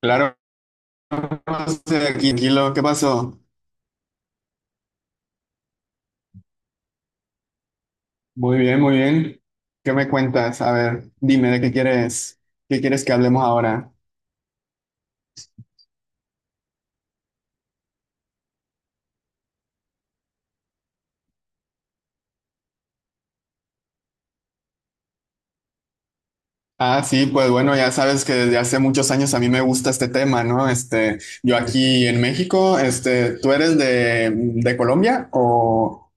Claro, estoy aquí, tranquilo. ¿Qué pasó? Muy bien, muy bien. ¿Qué me cuentas? A ver, dime qué quieres que hablemos ahora. Ah, sí, pues bueno, ya sabes que desde hace muchos años a mí me gusta este tema, ¿no? Yo aquí en México, ¿tú eres de Colombia o?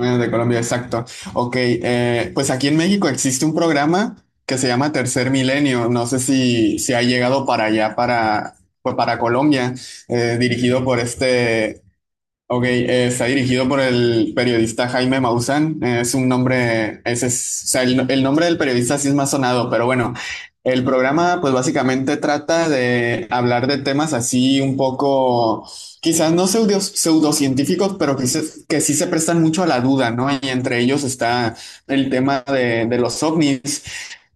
Ah, de Colombia, exacto. Ok, pues aquí en México existe un programa que se llama Tercer Milenio. No sé si ha llegado para allá, pues para Colombia, dirigido por este. Ok, está dirigido por el periodista Jaime Maussan. Es un nombre, ese es, o sea, el nombre del periodista sí es más sonado, pero bueno, el programa pues básicamente trata de hablar de temas así un poco, quizás no pseudocientíficos, pero que sí se prestan mucho a la duda, ¿no? Y entre ellos está el tema de los ovnis.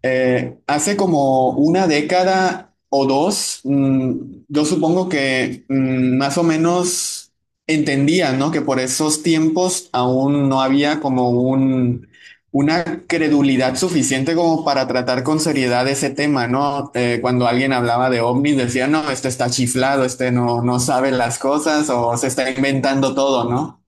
Hace como una década o dos, yo supongo que más o menos entendía, ¿no? Que por esos tiempos aún no había como una credulidad suficiente como para tratar con seriedad ese tema, ¿no? Cuando alguien hablaba de ovnis, decía, no, este está chiflado, este no, no sabe las cosas o se está inventando todo, ¿no?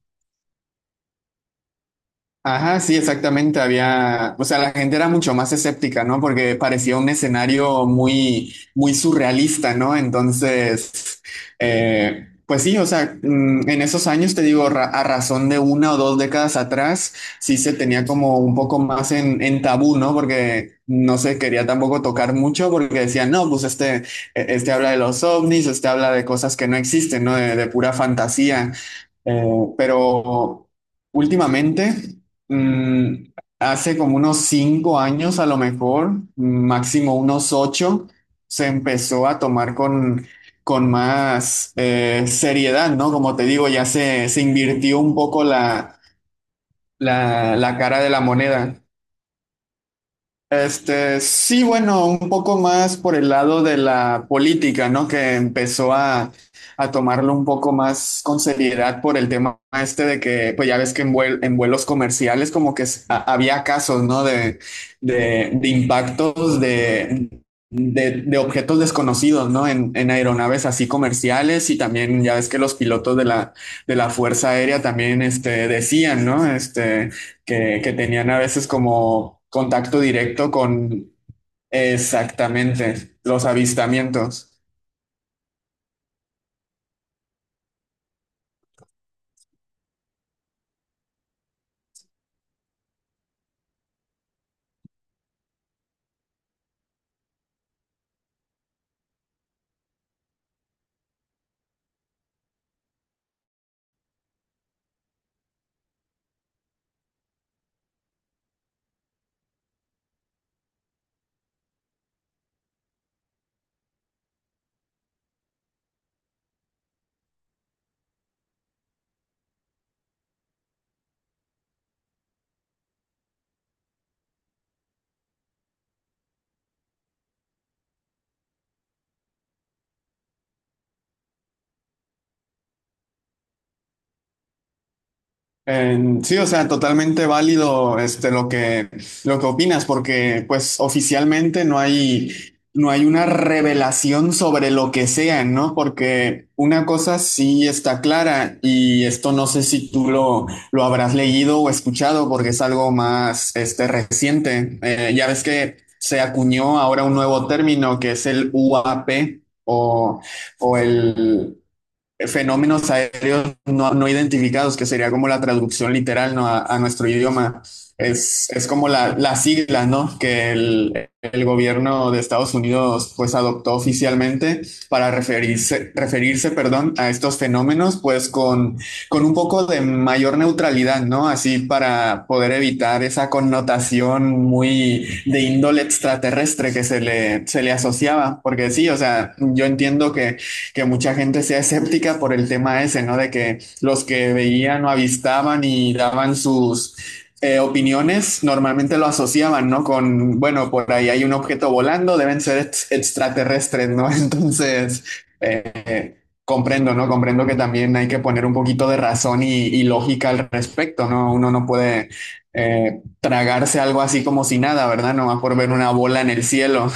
Ajá, sí, exactamente. Había, o sea, la gente era mucho más escéptica, ¿no? Porque parecía un escenario muy, muy surrealista, ¿no? Entonces, pues sí, o sea, en esos años, te digo, a razón de una o dos décadas atrás, sí se tenía como un poco más en tabú, ¿no? Porque no se quería tampoco tocar mucho porque decían, no, pues este, este habla de los ovnis, este habla de cosas que no existen, ¿no? De pura fantasía. Eh, pero últimamente. Mm, hace como unos 5 años, a lo mejor, máximo unos ocho, se empezó a tomar con más seriedad, ¿no? Como te digo, ya se invirtió un poco la cara de la moneda. Sí, bueno, un poco más por el lado de la política, ¿no? Que empezó a tomarlo un poco más con seriedad por el tema este de que, pues ya ves que en vuelos comerciales como que había casos, ¿no? De impactos de objetos desconocidos, ¿no? En aeronaves así comerciales y también ya ves que los pilotos de la Fuerza Aérea también, decían, ¿no? Que tenían a veces como contacto directo con. Exactamente los avistamientos. Sí, o sea, totalmente válido lo que opinas, porque pues oficialmente no hay una revelación sobre lo que sean, ¿no? Porque una cosa sí está clara y esto no sé si tú lo habrás leído o escuchado porque es algo más reciente. Ya ves que se acuñó ahora un nuevo término que es el UAP o, o el fenómenos aéreos no identificados, que sería como la traducción literal, ¿no? A nuestro idioma. Es como la sigla, ¿no? Que el gobierno de Estados Unidos pues adoptó oficialmente para referirse perdón, a estos fenómenos pues con un poco de mayor neutralidad, ¿no? Así para poder evitar esa connotación muy de índole extraterrestre que se le asociaba, porque sí, o sea, yo entiendo que mucha gente sea escéptica por el tema ese, ¿no? De que los que veían o avistaban y daban sus opiniones normalmente lo asociaban, ¿no? Con, bueno, por ahí hay un objeto volando, deben ser extraterrestres, ¿no? Entonces, eh, comprendo, ¿no? Comprendo que también hay que poner un poquito de razón y lógica al respecto, ¿no? Uno no puede tragarse algo así como si nada, ¿verdad? Nomás por ver una bola en el cielo.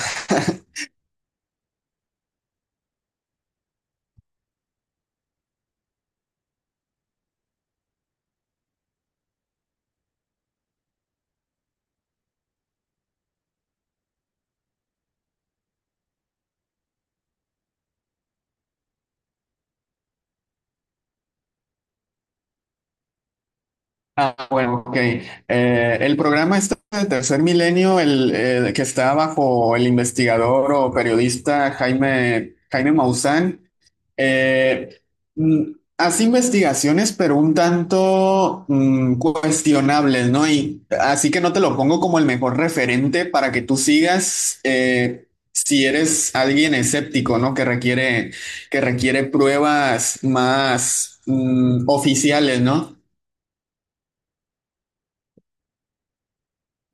Ah, bueno, ok. El programa este de Tercer Milenio, el que está bajo el investigador o periodista Jaime Maussan, eh, mm, hace investigaciones, pero un tanto cuestionables, ¿no? Y así que no te lo pongo como el mejor referente para que tú sigas si eres alguien escéptico, ¿no? Que requiere pruebas más oficiales, ¿no?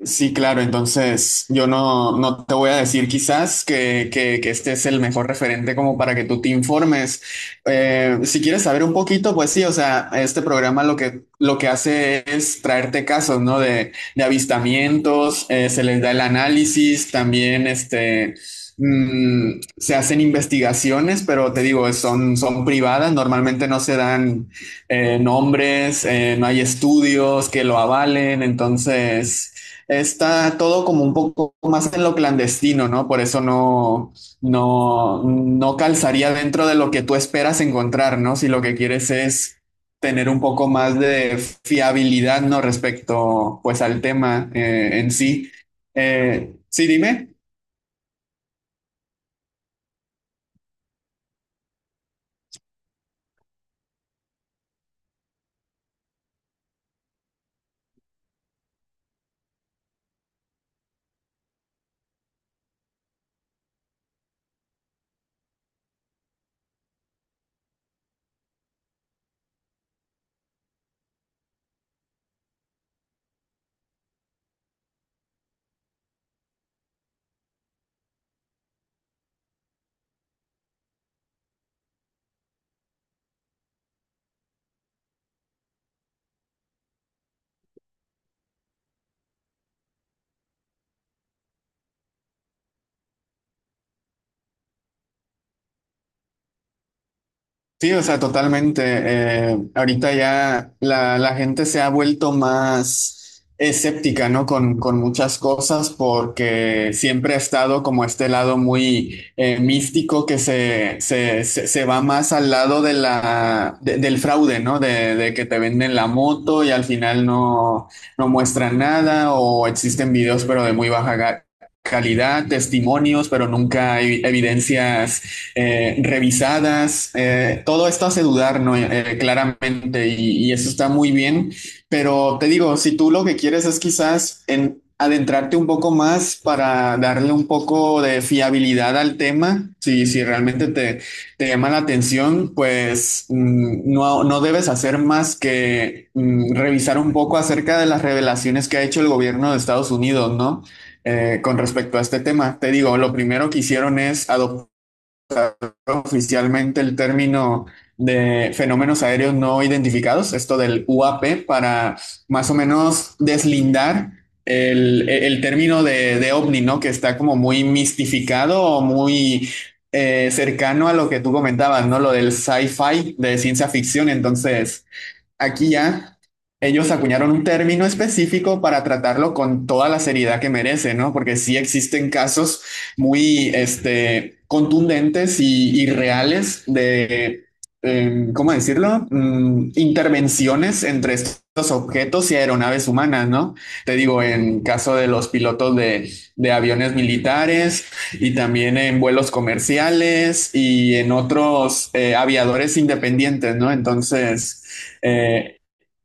Sí, claro, entonces yo no, no te voy a decir quizás que este es el mejor referente como para que tú te informes. Si quieres saber un poquito, pues sí, o sea, este programa lo que hace es traerte casos, ¿no? De avistamientos, se les da el análisis, también mm, se hacen investigaciones, pero te digo, son privadas, normalmente no se dan nombres, no hay estudios que lo avalen, entonces está todo como un poco más en lo clandestino, ¿no? Por eso no, no, no calzaría dentro de lo que tú esperas encontrar, ¿no? Si lo que quieres es tener un poco más de fiabilidad, ¿no? Respecto, pues, al tema en sí. Sí, dime. Sí, o sea, totalmente. Ahorita ya la gente se ha vuelto más escéptica, ¿no? Con muchas cosas porque siempre ha estado como este lado muy místico que se va más al lado de del fraude, ¿no? De que te venden la moto y al final no, no muestran nada o existen videos pero de muy baja calidad, testimonios, pero nunca hay evidencias revisadas, todo esto hace dudar, ¿no? Claramente, eso está muy bien, pero te digo, si tú lo que quieres es quizás en adentrarte un poco más para darle un poco de fiabilidad al tema, si realmente te llama la atención, pues no, no debes hacer más que revisar un poco acerca de las revelaciones que ha hecho el gobierno de Estados Unidos, ¿no? Con respecto a este tema. Te digo, lo primero que hicieron es adoptar oficialmente el término de fenómenos aéreos no identificados, esto del UAP, para más o menos deslindar el término de ovni, ¿no? Que está como muy mistificado o muy cercano a lo que tú comentabas, ¿no? Lo del sci-fi, de ciencia ficción. Entonces, aquí ya ellos acuñaron un término específico para tratarlo con toda la seriedad que merece, ¿no? Porque sí existen casos muy, contundentes y reales de, ¿cómo decirlo? Intervenciones entre estos objetos y aeronaves humanas, ¿no? Te digo, en caso de los pilotos de aviones militares y también en vuelos comerciales y en otros aviadores independientes, ¿no? Entonces. Eh,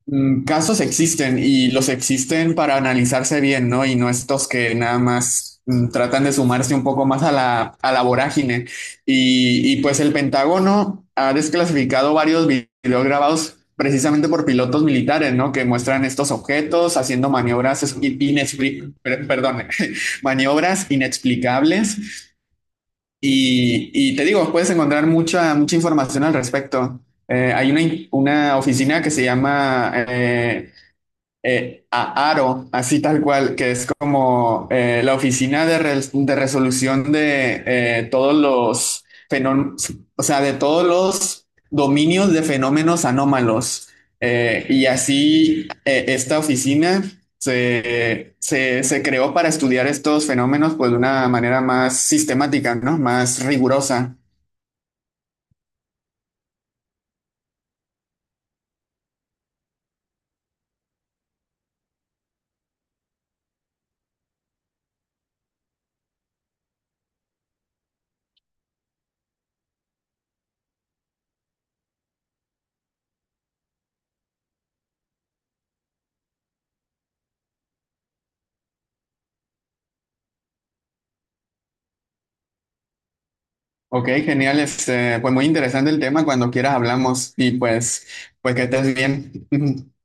casos existen y los existen para analizarse bien, ¿no? Y no estos que nada más tratan de sumarse un poco más a la vorágine. Y pues el Pentágono ha desclasificado varios videos grabados precisamente por pilotos militares, ¿no? Que muestran estos objetos haciendo maniobras, perdón, maniobras inexplicables y te digo, puedes encontrar mucha, mucha información al respecto. Hay una oficina que se llama a Aro, así tal cual, que es como la oficina de resolución de todos los fenómenos, o sea, de todos los dominios de fenómenos anómalos. Y así esta oficina se creó para estudiar estos fenómenos pues de una manera más sistemática, ¿no? Más rigurosa. Ok, genial. Pues muy interesante el tema. Cuando quieras hablamos y pues que estés bien.